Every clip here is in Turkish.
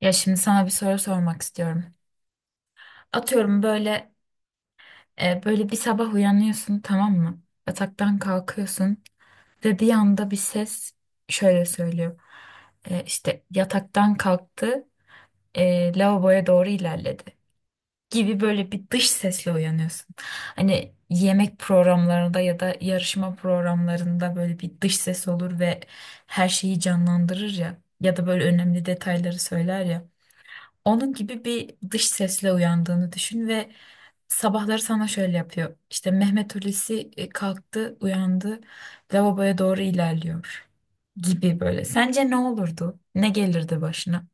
Ya şimdi sana bir soru sormak istiyorum. Atıyorum böyle böyle bir sabah uyanıyorsun, tamam mı? Yataktan kalkıyorsun ve bir anda bir ses şöyle söylüyor. İşte yataktan kalktı, lavaboya doğru ilerledi gibi, böyle bir dış sesle uyanıyorsun. Hani yemek programlarında ya da yarışma programlarında böyle bir dış ses olur ve her şeyi canlandırır ya, ya da böyle önemli detayları söyler ya. Onun gibi bir dış sesle uyandığını düşün ve sabahları sana şöyle yapıyor. İşte Mehmet Hulusi kalktı, uyandı, lavaboya doğru ilerliyor gibi böyle. Sence ne olurdu? Ne gelirdi başına?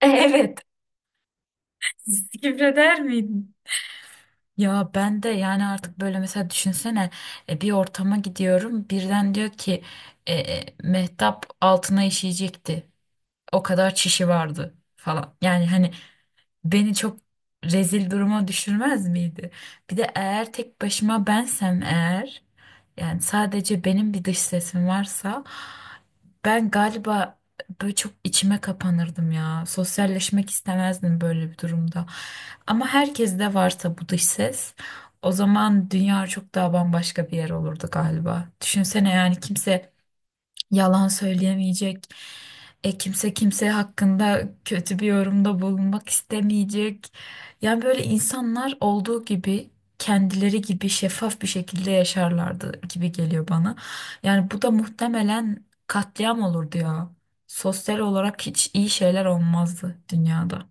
Evet. Küfreder miydin? Ya ben de yani artık böyle mesela düşünsene, bir ortama gidiyorum, birden diyor ki Mehtap altına işeyecekti. O kadar çişi vardı falan. Yani hani beni çok rezil duruma düşürmez miydi? Bir de eğer tek başıma bensem, eğer yani sadece benim bir dış sesim varsa, ben galiba böyle çok içime kapanırdım ya. Sosyalleşmek istemezdim böyle bir durumda. Ama herkes de varsa bu dış ses, o zaman dünya çok daha bambaşka bir yer olurdu galiba. Düşünsene, yani kimse yalan söyleyemeyecek. Kimse kimse hakkında kötü bir yorumda bulunmak istemeyecek. Yani böyle insanlar olduğu gibi, kendileri gibi şeffaf bir şekilde yaşarlardı gibi geliyor bana. Yani bu da muhtemelen katliam olurdu ya. Sosyal olarak hiç iyi şeyler olmazdı dünyada.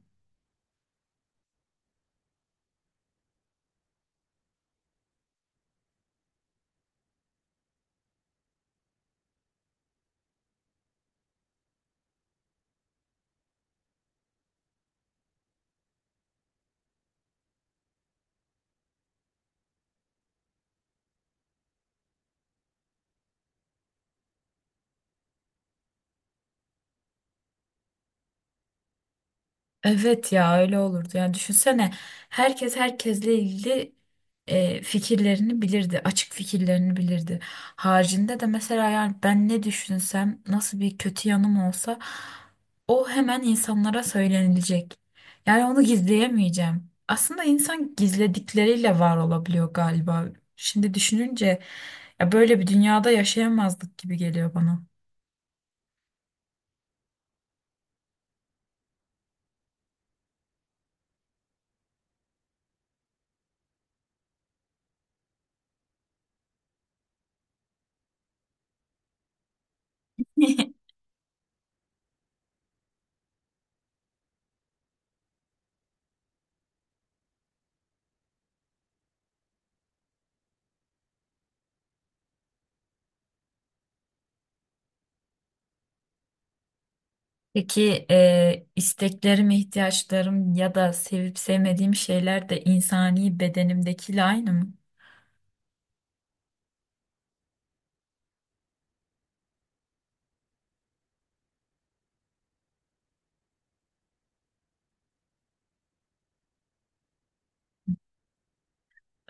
Evet ya, öyle olurdu. Yani düşünsene, herkes herkesle ilgili fikirlerini bilirdi. Açık fikirlerini bilirdi. Haricinde de mesela yani ben ne düşünsem, nasıl bir kötü yanım olsa o hemen insanlara söylenilecek. Yani onu gizleyemeyeceğim. Aslında insan gizledikleriyle var olabiliyor galiba. Şimdi düşününce ya, böyle bir dünyada yaşayamazdık gibi geliyor bana. Peki isteklerim, ihtiyaçlarım ya da sevip sevmediğim şeyler de insani bedenimdekiyle aynı mı?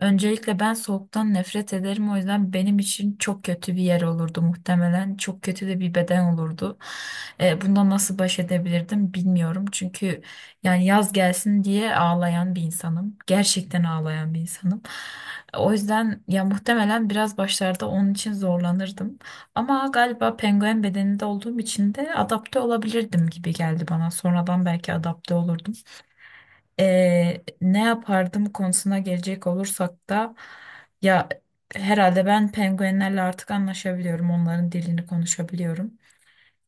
Öncelikle ben soğuktan nefret ederim. O yüzden benim için çok kötü bir yer olurdu muhtemelen. Çok kötü de bir beden olurdu. Bundan nasıl baş edebilirdim bilmiyorum. Çünkü yani yaz gelsin diye ağlayan bir insanım. Gerçekten ağlayan bir insanım. O yüzden ya muhtemelen biraz başlarda onun için zorlanırdım. Ama galiba penguen bedeninde olduğum için de adapte olabilirdim gibi geldi bana. Sonradan belki adapte olurdum. Ne yapardım konusuna gelecek olursak da ya, herhalde ben penguenlerle artık anlaşabiliyorum. Onların dilini konuşabiliyorum.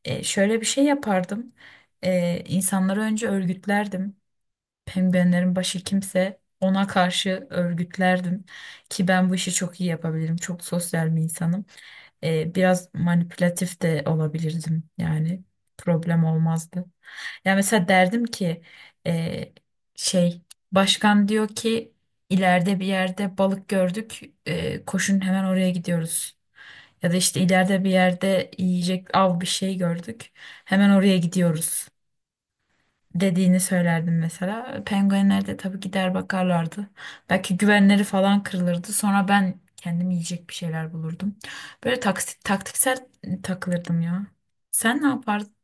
Şöyle bir şey yapardım. İnsanları önce örgütlerdim. Penguenlerin başı kimse ona karşı örgütlerdim, ki ben bu işi çok iyi yapabilirim. Çok sosyal bir insanım. Biraz manipülatif de olabilirdim, yani problem olmazdı. Yani mesela derdim ki e, şey, başkan diyor ki ileride bir yerde balık gördük, koşun hemen oraya gidiyoruz. Ya da işte ileride bir yerde yiyecek av bir şey gördük, hemen oraya gidiyoruz dediğini söylerdim mesela. Penguenler de tabii gider bakarlardı. Belki güvenleri falan kırılırdı. Sonra ben kendim yiyecek bir şeyler bulurdum. Böyle taktiksel takılırdım ya. Sen ne yapardın?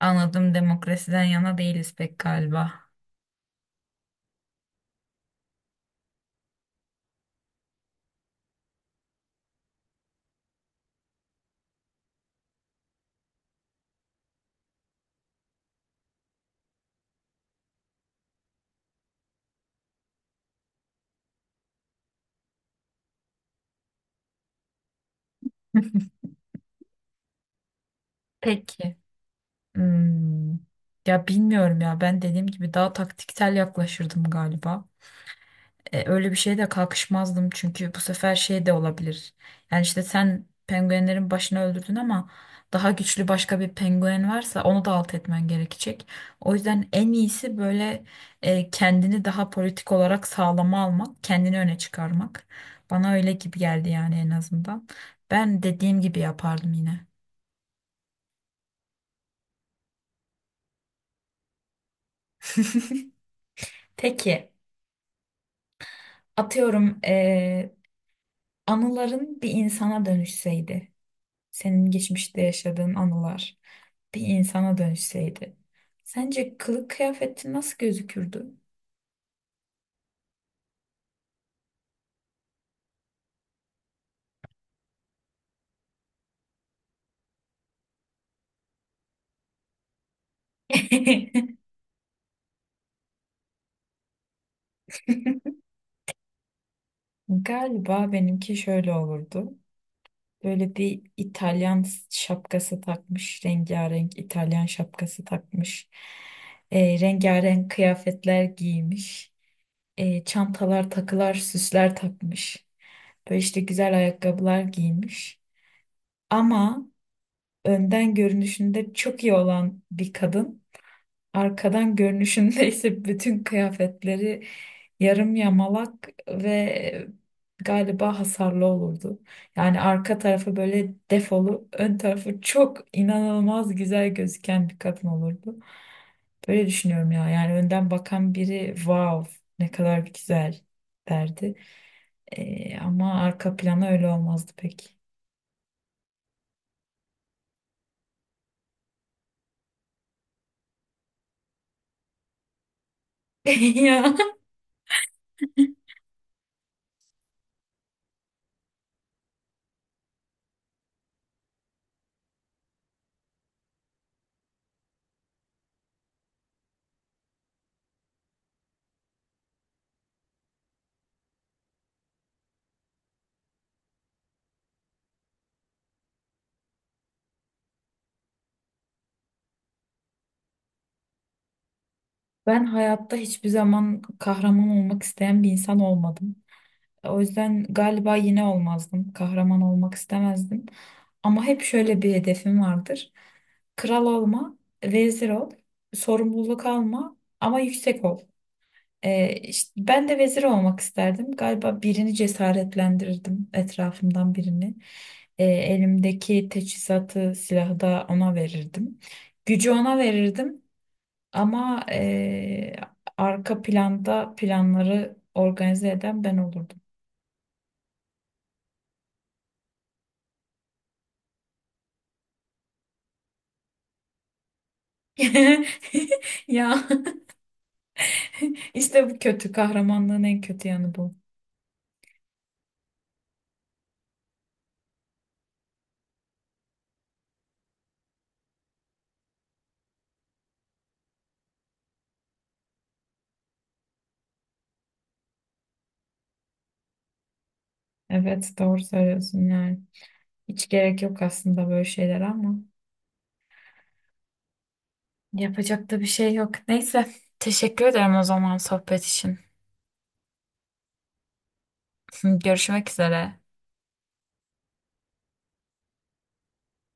Anladım, demokrasiden yana değiliz pek galiba. Peki. Hmm. Ya bilmiyorum ya, ben dediğim gibi daha taktiksel yaklaşırdım galiba. Öyle bir şeye de kalkışmazdım çünkü bu sefer şey de olabilir. Yani işte sen penguenlerin başını öldürdün ama daha güçlü başka bir penguen varsa onu da alt etmen gerekecek. O yüzden en iyisi böyle kendini daha politik olarak sağlama almak, kendini öne çıkarmak. Bana öyle gibi geldi yani, en azından. Ben dediğim gibi yapardım yine. Peki, atıyorum, anıların bir insana dönüşseydi, senin geçmişte yaşadığın anılar bir insana dönüşseydi, sence kılık kıyafetin nasıl gözükürdü? Galiba benimki şöyle olurdu. Böyle bir İtalyan şapkası takmış, rengarenk İtalyan şapkası takmış, rengarenk kıyafetler giymiş, çantalar, takılar, süsler takmış. Böyle işte güzel ayakkabılar giymiş. Ama önden görünüşünde çok iyi olan bir kadın, arkadan görünüşünde ise bütün kıyafetleri yarım yamalak ve galiba hasarlı olurdu. Yani arka tarafı böyle defolu, ön tarafı çok inanılmaz güzel gözüken bir kadın olurdu. Böyle düşünüyorum ya. Yani önden bakan biri wow, ne kadar güzel derdi. Ama arka planı öyle olmazdı pek. Ya. Ben hayatta hiçbir zaman kahraman olmak isteyen bir insan olmadım. O yüzden galiba yine olmazdım. Kahraman olmak istemezdim. Ama hep şöyle bir hedefim vardır. Kral olma, vezir ol, sorumluluk alma ama yüksek ol. İşte ben de vezir olmak isterdim. Galiba birini cesaretlendirirdim, etrafımdan birini. Elimdeki teçhizatı, silahı da ona verirdim. Gücü ona verirdim ama arka planda planları organize eden ben olurdum. Ya işte bu kötü, kahramanlığın en kötü yanı bu. Evet, doğru söylüyorsun yani. Hiç gerek yok aslında böyle şeyler ama yapacak da bir şey yok. Neyse, teşekkür ederim o zaman sohbet için. Görüşmek üzere.